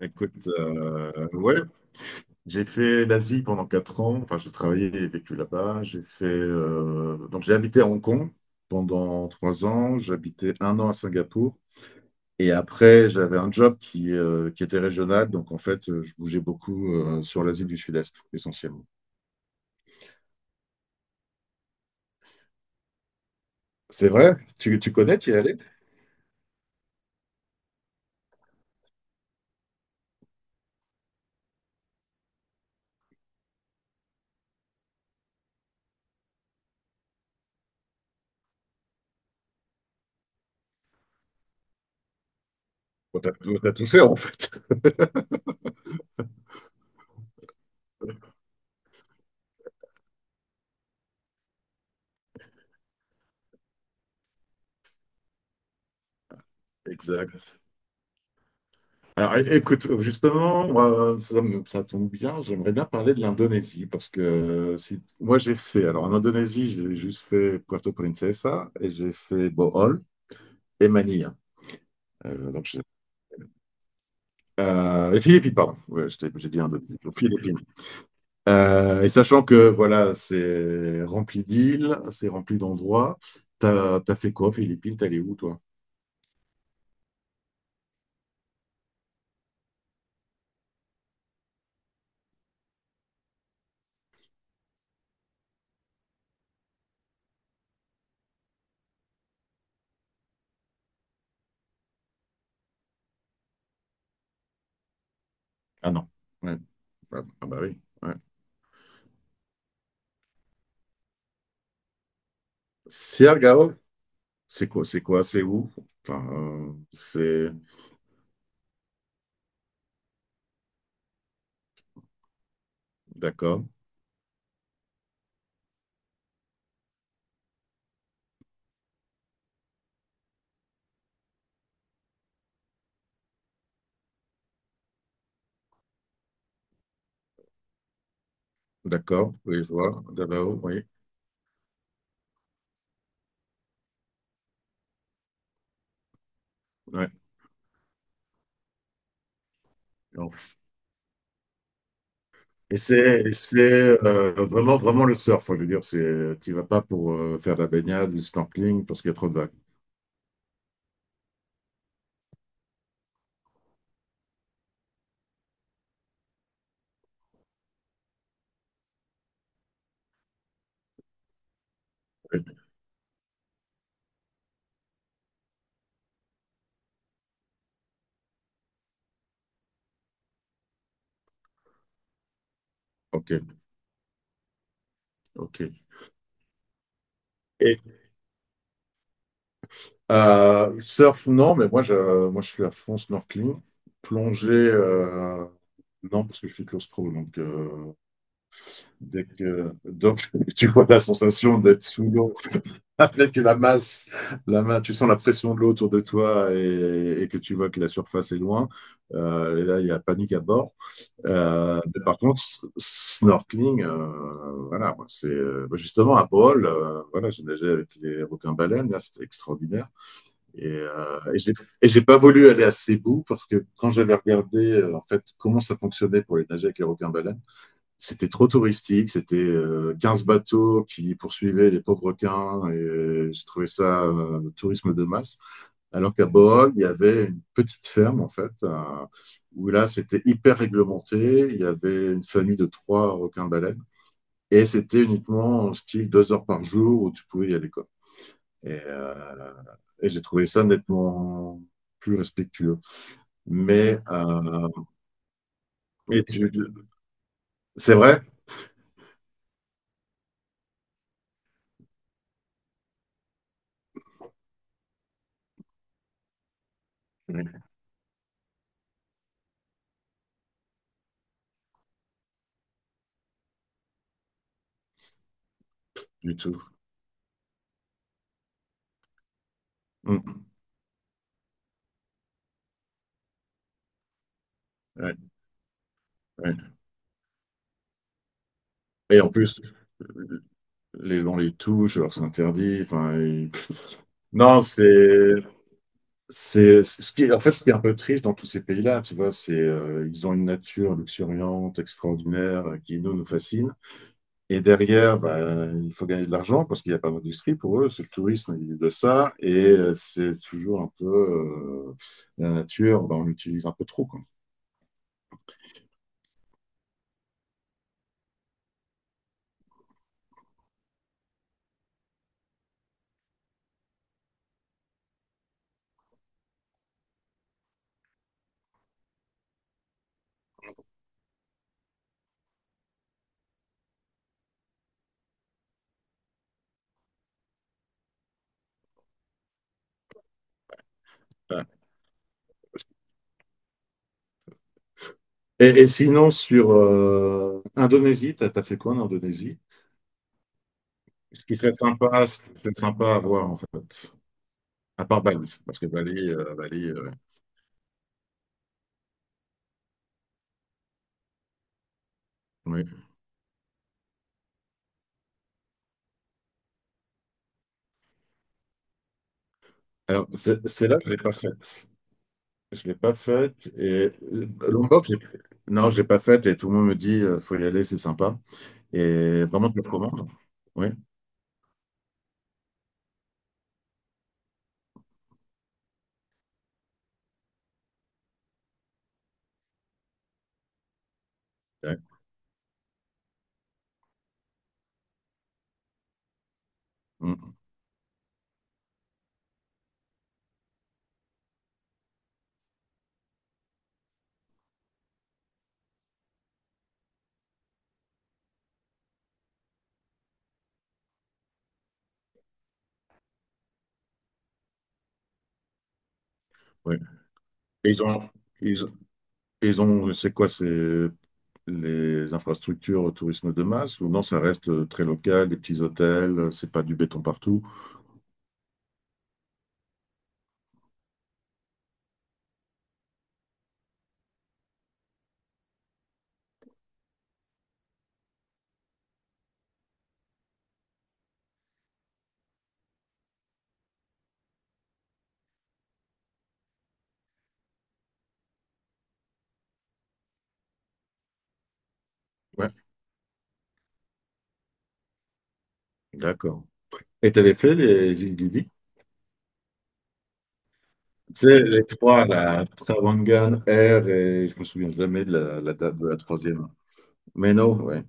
Écoute, ouais, j'ai fait l'Asie pendant 4 ans. Enfin, j'ai travaillé et vécu là-bas. J'ai fait, donc j'ai habité à Hong Kong pendant 3 ans. J'habitais 1 an à Singapour. Et après, j'avais un job qui était régional. Donc, en fait, je bougeais beaucoup sur l'Asie du Sud-Est, essentiellement. C'est vrai? Tu connais, tu y es allé? Bon, t'as tout fait en fait. Exact. Alors écoute, justement, moi, ça tombe bien, j'aimerais bien parler de l'Indonésie parce que si, moi j'ai fait, alors en Indonésie, j'ai juste fait Puerto Princesa et j'ai fait Bohol et Manille. Donc, et Philippines, pardon. Ouais, j'ai dit Indonésie, aux Philippines. Et sachant que voilà, c'est rempli d'îles, c'est rempli d'endroits, t'as fait quoi aux Philippines? T'es allé où toi? Ah non. Ouais. Ah bah oui. Ouais. Siargao? C'est quoi, c'est quoi, c'est où? Enfin, c'est... D'accord, d'accord, oui, je vois, là-haut, oui. Ouais. Non. Et c'est et c'est, vraiment, vraiment le surf, hein, je veux dire, c'est, tu vas pas pour faire de la baignade, du snorkeling, parce qu'il y a trop de vagues. Oui. Ok, ok. Et surf, non, mais moi, je suis à fond snorkeling. Plongée, non, parce que je suis claustro, donc dès que donc, tu vois la sensation d'être sous l'eau. Ah, peut-être que la masse, tu sens la pression de l'eau autour de toi et que tu vois que la surface est loin. Et là, il y a panique à bord. Mais par contre, snorkeling, voilà, moi, c'est bah, justement à Bohol, voilà, j'ai nagé avec les requins-baleines, là, c'était extraordinaire. Et, et j'ai pas voulu aller à Cebu parce que quand j'avais regardé en fait comment ça fonctionnait pour les nager avec les requins-baleines, c'était trop touristique, c'était 15 bateaux qui poursuivaient les pauvres requins et je trouvais ça le tourisme de masse. Alors qu'à Bohol, il y avait une petite ferme en fait, où là c'était hyper réglementé, il y avait une famille de 3 requins baleines et c'était uniquement en style 2 heures par jour où tu pouvais y aller quoi. Et, euh, et j'ai trouvé ça nettement plus respectueux. Mais, euh, mais tu... c'est vrai oui. Du tout. Mmh. Ouais, ouais. Et en plus, les, on les touche, alors c'est interdit. Enfin, ils- non, c'est, ce qui est, en fait, ce qui est un peu triste dans tous ces pays-là, tu vois, c'est, ils ont une nature luxuriante, extraordinaire, qui nous, nous fascine. Et derrière, bah, il faut gagner de l'argent parce qu'il n'y a pas d'industrie pour eux. C'est le tourisme, ils vivent de ça. Et c'est toujours un peu, la nature, bah, on l'utilise un peu trop, quoi. Ouais. Et sinon, sur Indonésie, t'as fait quoi en Indonésie? Ce qui serait sympa à voir en fait, à part Bali, parce que Bali, oui. Alors c'est là que je l'ai pas faite. Je l'ai pas faite et Lombok, non, je l'ai pas faite et tout le monde me dit faut y aller, c'est sympa et vraiment je le recommande. Oui, ouais, mm, oui. Et ils ont, ils, ils ont, c'est quoi, c'est les infrastructures au tourisme de masse ou non, ça reste très local, des petits hôtels, c'est pas du béton partout. Ouais, d'accord. Et t'avais fait les îles Gili? Tu sais, les trois, la Travangan, R, et je me souviens jamais de la, la date de la troisième. Mais non, ouais,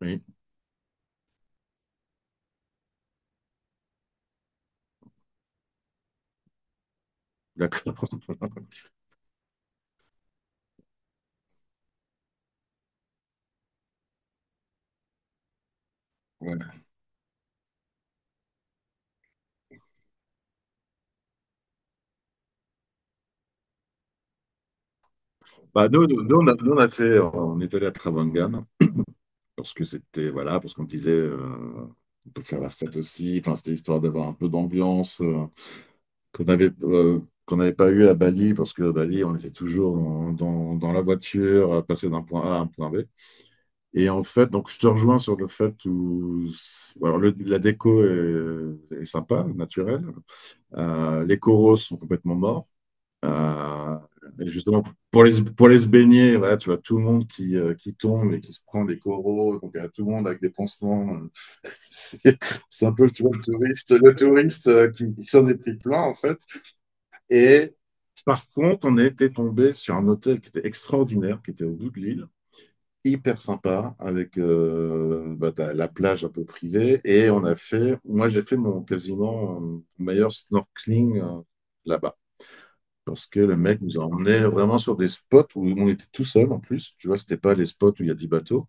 oui, d'accord. Ouais. Bah, nous, on a fait, on est allé à Travangan, parce que c'était, voilà, parce qu'on disait, on peut faire la fête aussi, enfin, c'était histoire d'avoir un peu d'ambiance, qu'on avait, euh, qu'on n'avait pas eu à Bali, parce que à Bali, on était toujours dans, dans la voiture, à passer d'un point A à un point B. Et en fait, donc je te rejoins sur le fait où alors la déco est, est sympa, naturelle. Les coraux sont complètement morts. Euh, et justement, pour pour les se baigner, voilà, tu vois tout le monde qui tombe et qui se prend des coraux. Donc, il y a tout le monde avec des pansements. C'est c'est un peu tu vois, le touriste qui s'en est pris plein, en fait. Et par contre, on a été tombé sur un hôtel qui était extraordinaire, qui était au bout de l'île hyper sympa avec bah, t'as la plage un peu privée et on a fait, moi j'ai fait mon quasiment meilleur snorkeling là-bas parce que le mec nous a emmenés vraiment sur des spots où on était tout seul en plus, tu vois, c'était pas les spots où il y a 10 bateaux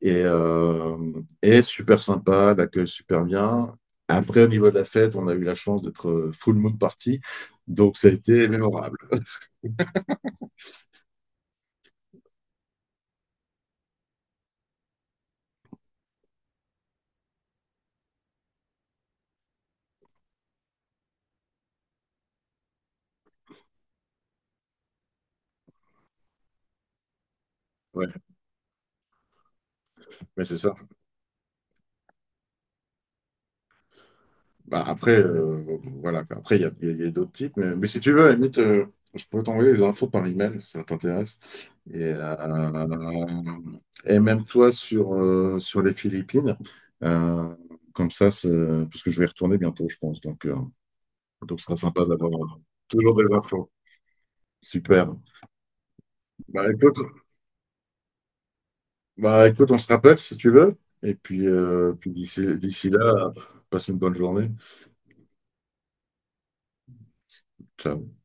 et, euh, et super sympa, l'accueil super bien. Après, au niveau de la fête, on a eu la chance d'être full moon party, donc ça a été mémorable. Ouais, mais c'est ça. Bah, après, voilà. quoi. Après, il y a, il y a d'autres types. Mais si tu veux, à la limite, je pourrais t'envoyer les infos par email si ça t'intéresse. Et, euh, et même toi sur, sur les Philippines. Euh, comme ça, c'est- parce que je vais y retourner bientôt, je pense. Donc ce sera sympa d'avoir euh, toujours des infos. Super. Bah écoute, bah, écoute, on se rappelle si tu veux. Et puis, puis d'ici là, passe une bonne journée. Ciao.